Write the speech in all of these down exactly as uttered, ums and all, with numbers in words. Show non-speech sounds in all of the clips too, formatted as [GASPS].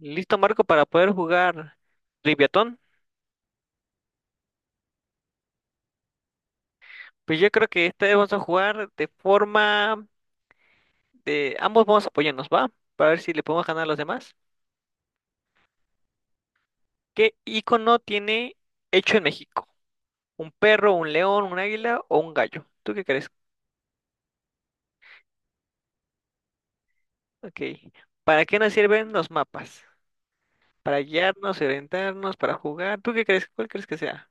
Listo, Marco, para poder jugar Triviatón. Pues yo creo que esta vez vamos a jugar de forma de ambos vamos a apoyarnos, ¿va? Para ver si le podemos ganar a los demás. ¿Qué icono tiene hecho en México? ¿Un perro, un león, un águila o un gallo? ¿Tú qué crees? Ok. ¿Para qué nos sirven los mapas? ¿Para guiarnos, orientarnos, para jugar? ¿Tú qué crees? ¿Cuál crees que sea?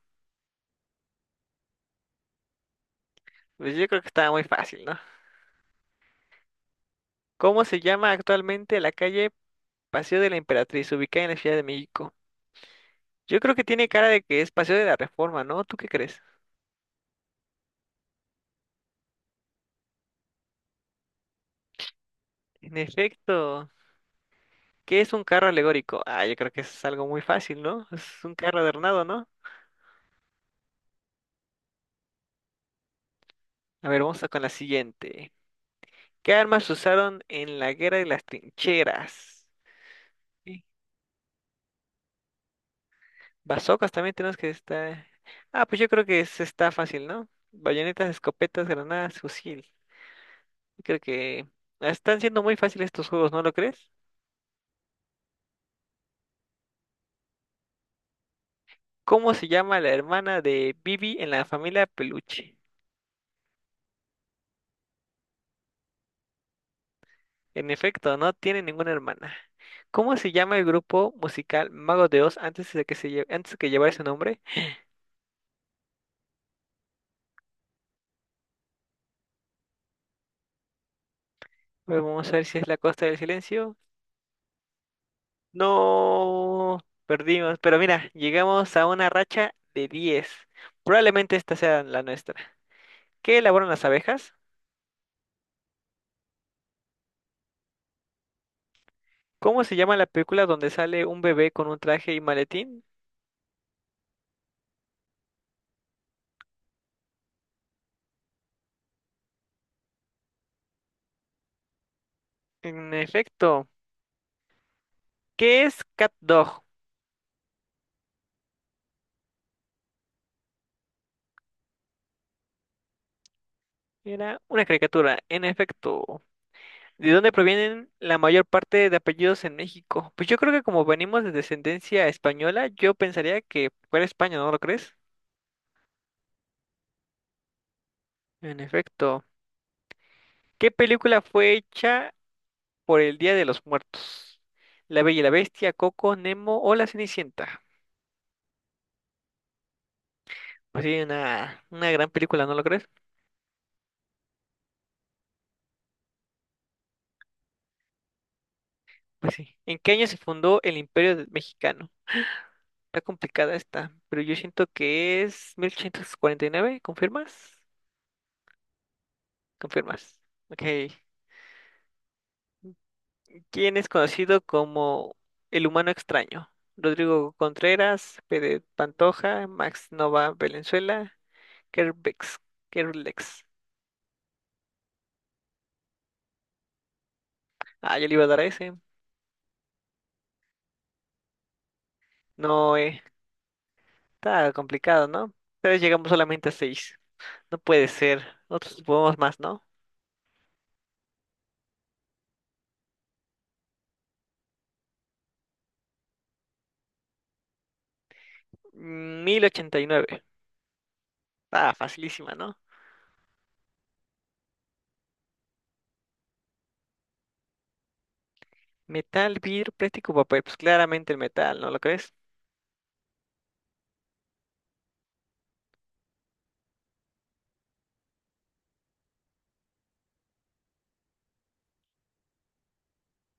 Pues yo creo que está muy fácil, ¿no? ¿Cómo se llama actualmente la calle Paseo de la Emperatriz, ubicada en la Ciudad de México? Yo creo que tiene cara de que es Paseo de la Reforma, ¿no? ¿Tú qué crees? En efecto, ¿qué es un carro alegórico? Ah, yo creo que es algo muy fácil, ¿no? Es un carro adornado, ¿no? A ver, vamos a con la siguiente. ¿Qué armas usaron en la guerra de las trincheras? Sí. Bazocas también tenemos que estar. Ah, pues yo creo que es, está fácil, ¿no? Bayonetas, escopetas, granadas, fusil. creo que están siendo muy fáciles estos juegos, ¿no lo crees? ¿Cómo se llama la hermana de Bibi en la familia Peluche? En efecto, no tiene ninguna hermana. ¿Cómo se llama el grupo musical Mago de Oz antes de que se lle- antes de que llevara ese nombre? A ver, vamos a ver si es La Costa del Silencio. No, perdimos, pero mira, llegamos a una racha de diez. Probablemente esta sea la nuestra. ¿Qué elaboran las abejas? ¿Cómo se llama la película donde sale un bebé con un traje y maletín? En efecto, ¿qué es Cat Dog? Era una caricatura, en efecto. ¿De dónde provienen la mayor parte de apellidos en México? Pues yo creo que como venimos de descendencia española, yo pensaría que fuera España, ¿no lo crees? En efecto. ¿Qué película fue hecha por el Día de los Muertos? La Bella y la Bestia, Coco, Nemo o La Cenicienta. Pues sí, una, una gran película, ¿no lo crees? Pues sí. ¿En qué año se fundó el Imperio de- Mexicano? Está complicada esta, pero yo siento que es mil ochocientos cuarenta y nueve. ¿confirmas? Confirmas. Ok. ¿Quién es conocido como el humano extraño? Rodrigo Contreras, Pérez Pantoja, Max Nova Valenzuela, Kerbex, Kerlex. Ah, yo le iba a dar a ese. No, eh, está complicado, ¿no? Pero llegamos solamente a seis. No puede ser. Nosotros podemos más, ¿no? mil ochenta y nueve. Ah, facilísima, ¿no? Metal, vidrio, plástico, papel. Pues claramente el metal, ¿no lo crees?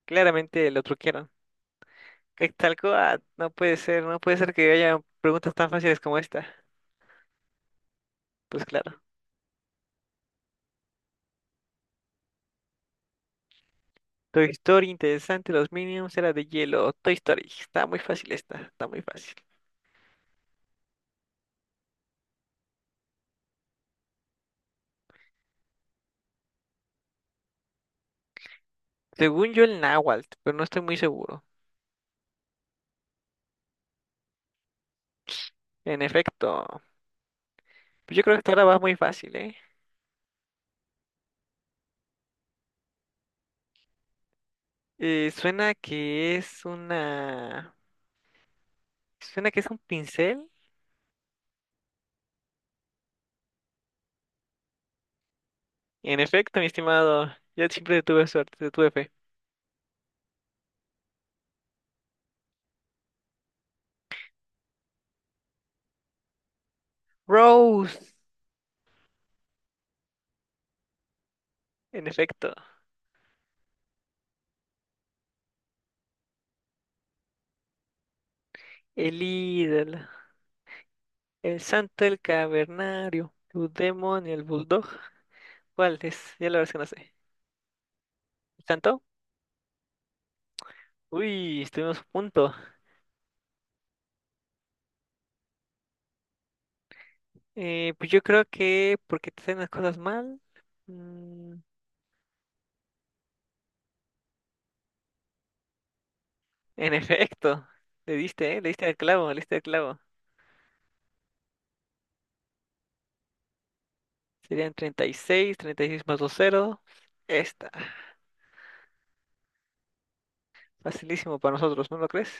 Claramente lo truquearon. Quetzalcóatl, no puede ser, no puede ser que haya preguntas tan fáciles como esta. Pues claro. Toy Story, interesante. Los Minions era de hielo. Toy Story. Está muy fácil esta. Está muy fácil. Según yo, el Náhuatl, pero no estoy muy seguro. En efecto. pues yo creo que esta ahora va muy fácil, ¿eh? Eh, Suena que es una. Suena que es un pincel. En efecto, mi estimado. Yo siempre tuve suerte, te tuve fe. Rose. En efecto. El ídolo. El santo, el cavernario. Tu demonio, el bulldog. ¿Cuál es? Ya la verdad es que no sé. ¿El santo? Uy, estuvimos a punto. Eh, pues yo creo que porque te hacen las cosas mal. Mm, en [LAUGHS] efecto, le diste, ¿eh? Le diste al clavo, le diste al clavo. Serían treinta y seis treinta y seis más dos cero. Esta, facilísimo para nosotros, ¿no lo crees?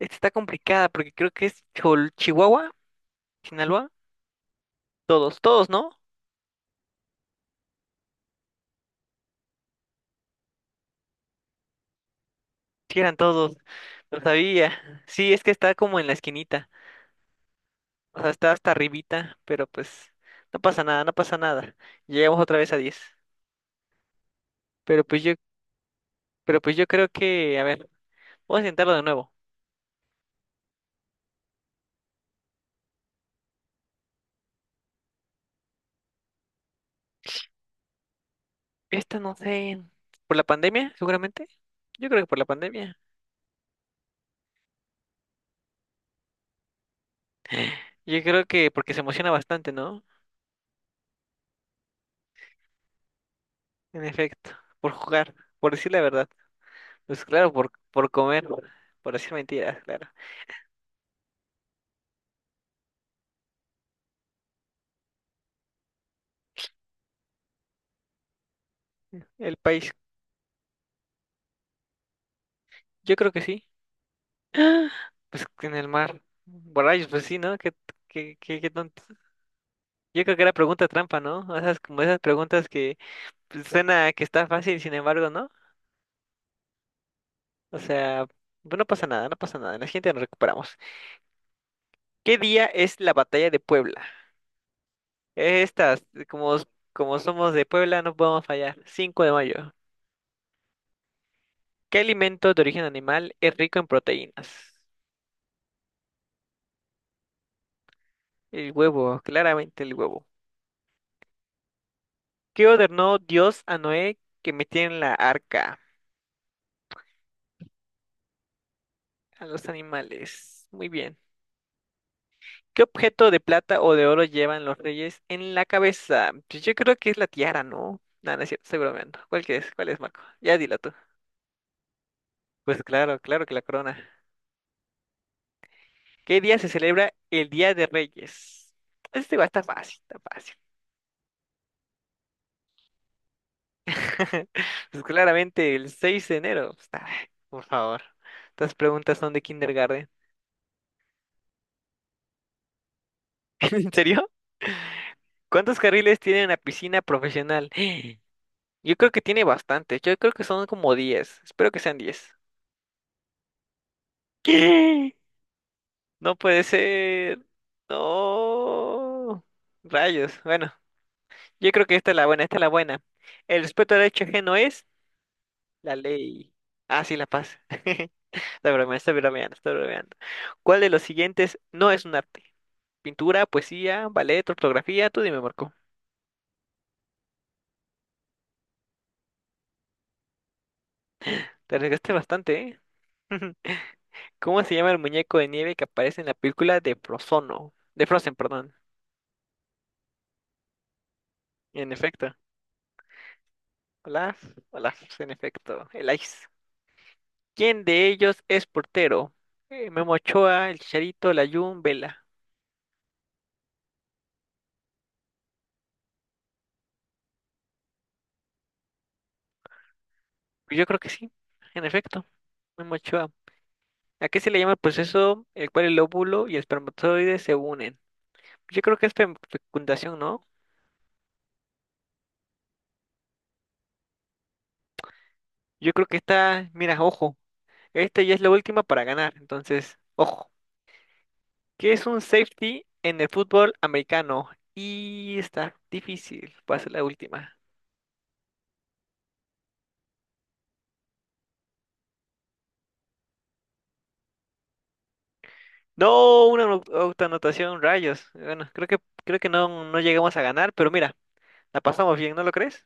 Esta está complicada porque creo que es Chol- Chihuahua, Sinaloa. Todos, todos, ¿no? Sí, eran todos, lo sabía. Sí, es que está como en la esquinita. O sea, está hasta arribita, pero pues no pasa nada, no pasa nada. Llegamos otra vez a diez. Pero pues yo Pero pues yo creo que, a ver, vamos a intentarlo de nuevo. Esta no sé, por la pandemia, seguramente. Yo creo que por la pandemia. Yo creo que porque se emociona bastante, ¿no? En efecto, por jugar, por decir la verdad. Pues claro, por, por comer, por decir mentiras, claro. El país, yo creo que sí. ¡Ah! Pues que en el mar. por borrachos, pues sí, ¿no? Qué, qué, qué, qué tonto. Yo creo que era pregunta trampa, ¿no? O sea, es como esas preguntas que pues, suena que está fácil, sin embargo, ¿no? O sea, pues, no pasa nada, no pasa nada. En la siguiente nos recuperamos. ¿Qué día es la batalla de Puebla? Estas, como, como somos de Puebla, no podemos fallar. Cinco de mayo. ¿Qué alimento de origen animal es rico en proteínas? El huevo, claramente el huevo. ¿Qué ordenó Dios a Noé que metiera en la arca a los animales? Muy bien. ¿Qué objeto de plata o de oro llevan los reyes en la cabeza? Pues Yo creo que es la tiara, ¿no? No, no es cierto, estoy bromeando. ¿Cuál que es? ¿Cuál es, Marco? Ya dilo tú. Pues claro, claro que la corona. ¿Qué día se celebra el Día de Reyes? Este va, está fácil, está fácil. [LAUGHS] Pues claramente el seis de enero. Está- por favor. Estas preguntas son de kindergarten. [LAUGHS] ¿En serio? ¿Cuántos carriles tiene una piscina profesional? [GASPS] Yo creo que tiene bastantes. Yo creo que son como diez. Espero que sean diez. ¿Qué? No puede ser. No. Rayos. Bueno, yo creo que esta es la buena, esta es la buena. El respeto al derecho ajeno es La ley. Ah, sí, la paz. [LAUGHS] Está bromeando, está bromeando, está bromeando. ¿Cuál de los siguientes no es un arte? Pintura, poesía, ballet, ortografía. Tú dime, Marco. Te arriesgaste bastante, ¿eh? [LAUGHS] ¿Cómo se llama el muñeco de nieve que aparece en la película de Frozono? De Frozen, perdón. En efecto. Hola, hola, en efecto. El Ice. ¿Quién de ellos es portero? Eh, Memo Ochoa, el Chicharito, Layún, Vela. Yo creo que sí, en efecto. Memo Ochoa. Aquí se le llama el proceso el cual el óvulo y el espermatozoide se unen. Yo creo que es fe- fecundación, ¿no? Yo creo que esta, mira, ojo, esta ya es la última para ganar, entonces, ojo. ¿Qué es un safety en el fútbol americano? Y está difícil, va a ser la última. No, una au- autoanotación, rayos. Bueno, creo que creo que no, no llegamos a ganar, pero mira, la pasamos bien, ¿no lo crees?